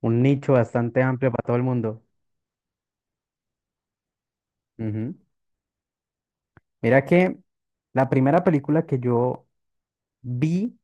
Un nicho bastante amplio para todo el mundo. Ujú. Mira que la primera película que yo vi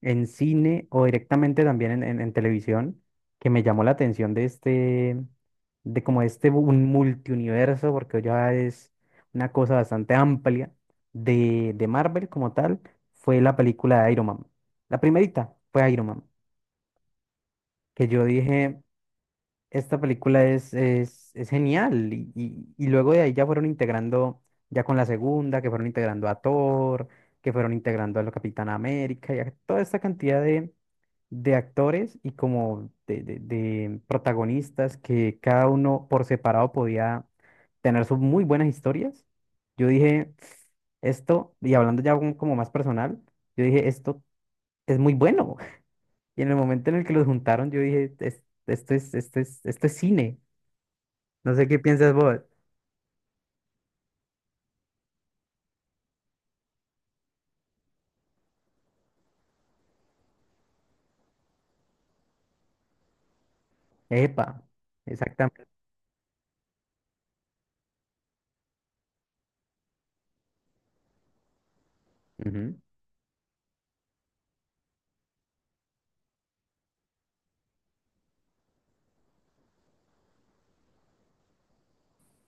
en cine o directamente también en televisión que me llamó la atención de este, de como este un multiuniverso, porque ya es una cosa bastante amplia de Marvel como tal, fue la película de Iron Man. La primerita fue Iron Man, que yo dije. Esta película es genial y luego de ahí ya fueron integrando, ya con la segunda, que fueron integrando a Thor, que fueron integrando a la Capitana América y a toda esta cantidad de, de actores y como de protagonistas que cada uno por separado podía tener sus muy buenas historias. Yo dije, esto, y hablando ya como como más personal, yo dije, esto es muy bueno. Y en el momento en el que los juntaron, yo dije, Esto es, esto es, esto es cine. No sé qué piensas vos. Epa, exactamente. Ujú.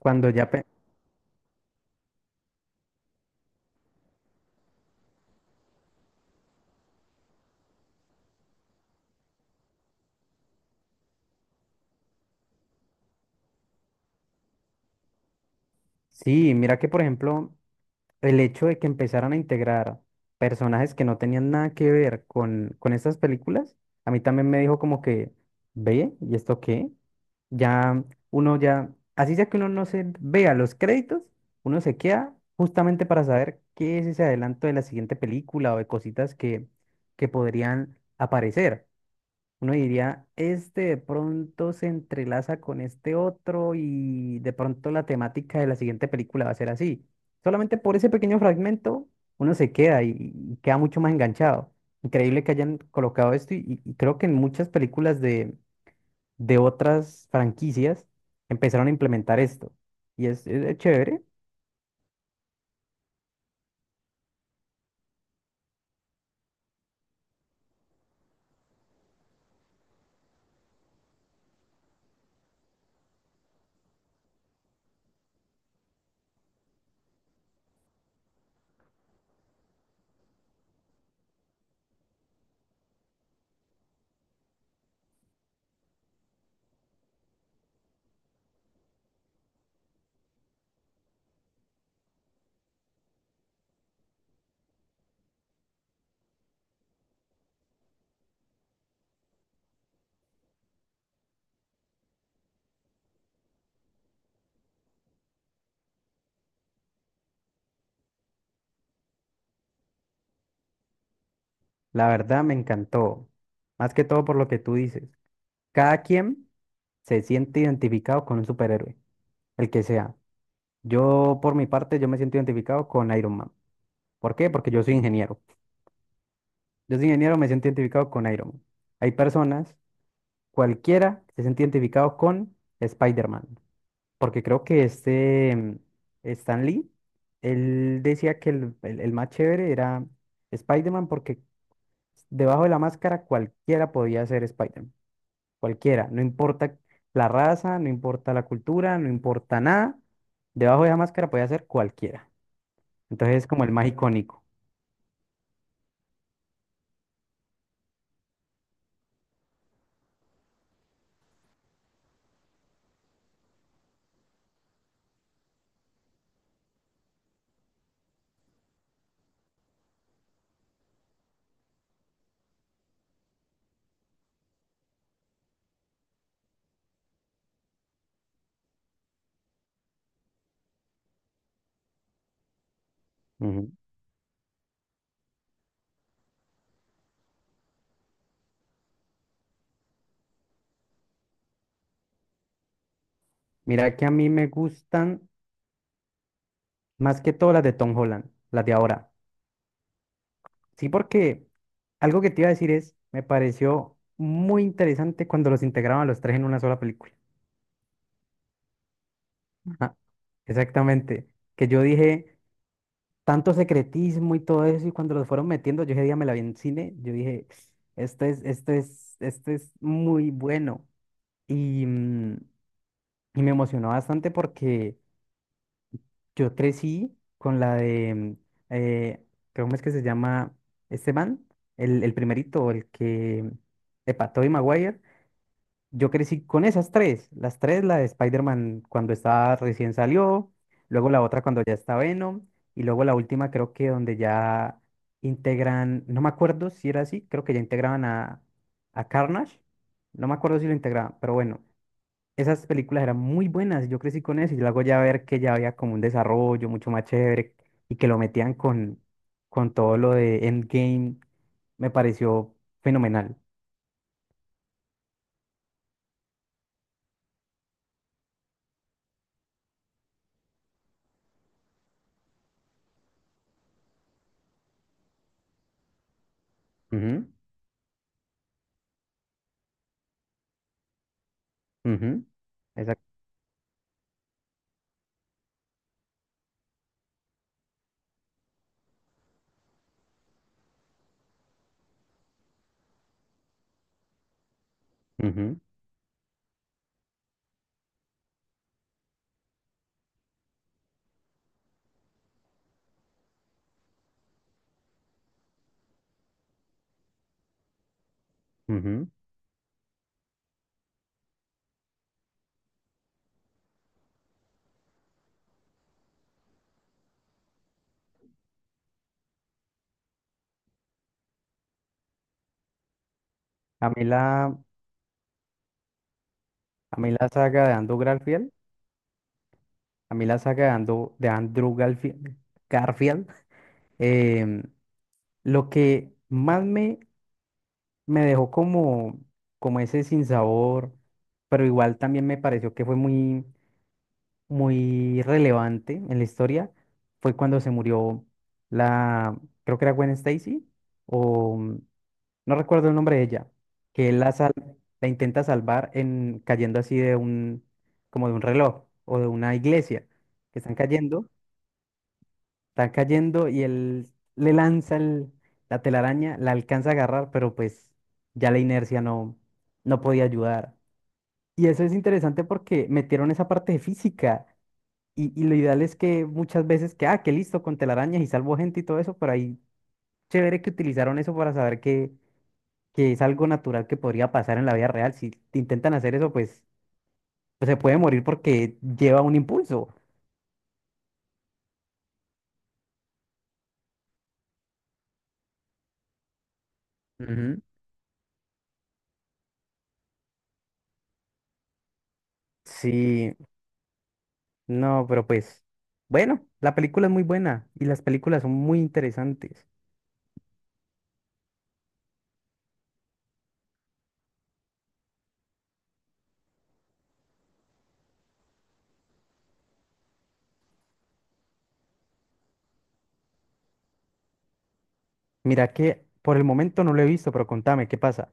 Cuando ya... Sí, mira que por ejemplo, el hecho de que empezaran a integrar personajes que no tenían nada que ver con estas películas, a mí también me dijo como que, ve, ¿y esto qué? Ya uno ya, así sea que uno no se vea los créditos, uno se queda justamente para saber qué es ese adelanto de la siguiente película o de cositas que podrían aparecer. Uno diría, este de pronto se entrelaza con este otro y de pronto la temática de la siguiente película va a ser así. Solamente por ese pequeño fragmento uno se queda y queda mucho más enganchado. Increíble que hayan colocado esto y creo que en muchas películas de otras franquicias empezaron a implementar esto. Y es chévere, la verdad me encantó. Más que todo por lo que tú dices. Cada quien se siente identificado con un superhéroe, el que sea. Yo, por mi parte, yo me siento identificado con Iron Man. ¿Por qué? Porque yo soy ingeniero. Yo soy ingeniero, me siento identificado con Iron Man. Hay personas, cualquiera, que se siente identificado con Spider-Man. Porque creo que este Stan Lee, él decía que el más chévere era Spider-Man porque debajo de la máscara cualquiera podía ser Spider-Man. Cualquiera. No importa la raza, no importa la cultura, no importa nada. Debajo de la máscara podía ser cualquiera. Entonces es como el más icónico. Ujú. Mira que a mí me gustan más que todas las de Tom Holland, las de ahora. Sí, porque algo que te iba a decir es, me pareció muy interesante cuando los integraban los tres en una sola película. Ajá, exactamente. Que yo dije, tanto secretismo y todo eso, y cuando los fueron metiendo, yo ese día me la vi en cine, yo dije, esto es, esto es, esto es muy bueno. Y, y me emocionó bastante porque... Yo crecí con la de, eh, ¿cómo es que se llama Esteban, el primerito, el que… Epa, Tobey Maguire. Yo crecí con esas tres, las tres, la de Spider-Man cuando estaba recién salió, luego la otra cuando ya está Venom, y luego la última creo que donde ya integran, no me acuerdo si era así, creo que ya integraban a Carnage, no me acuerdo si lo integraban, pero bueno, esas películas eran muy buenas, yo crecí con eso y luego ya ver que ya había como un desarrollo mucho más chévere y que lo metían con todo lo de Endgame, me pareció fenomenal. Ujú, ujú, exacto ujú, ujú. A mí la, a mí la saga de Andrew Garfield, a mí la saga de Andrew Garfield, Garfield, em, lo que más me, me dejó como, como ese sinsabor, pero igual también me pareció que fue muy muy relevante en la historia fue cuando se murió la, creo que era Gwen Stacy, o no recuerdo el nombre de ella, que él la intenta salvar en cayendo así de un, como de un reloj o de una iglesia, que están cayendo y él le lanza la telaraña, la alcanza a agarrar, pero pues ya la inercia no, no podía ayudar. Y eso es interesante porque metieron esa parte de física. Y lo ideal es que muchas veces que, ah, que listo, con telarañas y salvo gente y todo eso, pero ahí chévere que utilizaron eso para saber que es algo natural que podría pasar en la vida real. Si intentan hacer eso, pues, pues se puede morir porque lleva un impulso. Ujú. Sí, no, pero pues, bueno, la película es muy buena y las películas son muy interesantes. Mira que por el momento no lo he visto, pero contame, ¿qué pasa?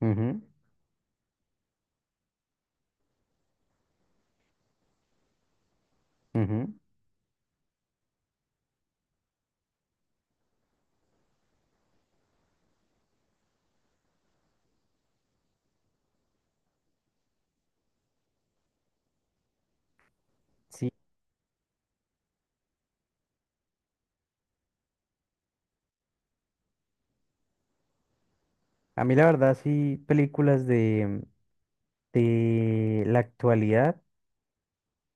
Ujú, ujú. Sí, a mí la verdad sí, películas de la actualidad.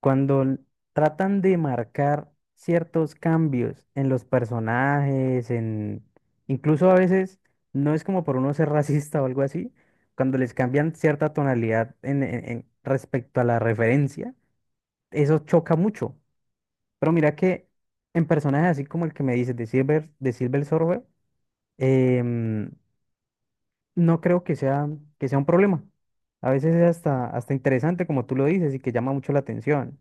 cuando l- Tratan de marcar ciertos cambios en los personajes, en incluso a veces no es como por uno ser racista o algo así, cuando les cambian cierta tonalidad en, en respecto a la referencia, eso choca mucho. Pero mira que en personajes así como el que me dices de Silver Surfer, em, no creo que sea un problema. A veces es hasta, hasta interesante, como tú lo dices, y que llama mucho la atención.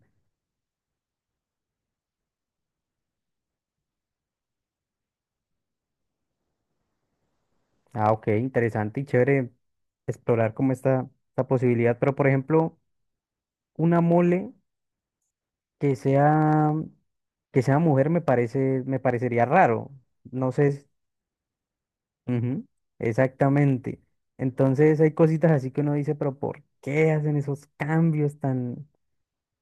Ah, ok, interesante y chévere explorar como esta posibilidad. Pero, por ejemplo, una mole que sea, que sea mujer me parece, me parecería raro. No sé, ujú, exactamente. Entonces hay cositas así que uno dice, pero ¿por qué hacen esos cambios tan,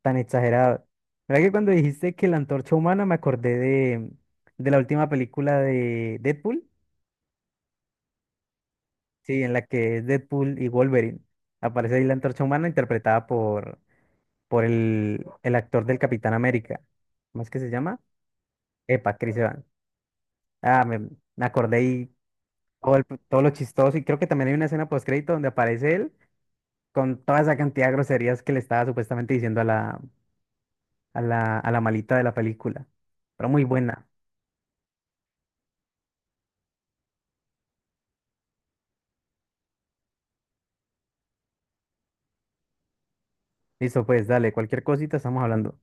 tan exagerados? ¿Verdad que cuando dijiste que la antorcha humana me acordé de la última película de Deadpool? Sí, en la que es Deadpool y Wolverine. Aparece ahí la antorcha humana interpretada por el actor del Capitán América. ¿Cómo es que se llama? Epa, Chris Evans. Ah, me acordé y todo, todo lo chistoso. Y creo que también hay una escena postcrédito donde aparece él con toda esa cantidad de groserías que le estaba supuestamente diciendo a la, a la, a la malita de la película. Pero muy buena. Listo, pues dale, cualquier cosita estamos hablando.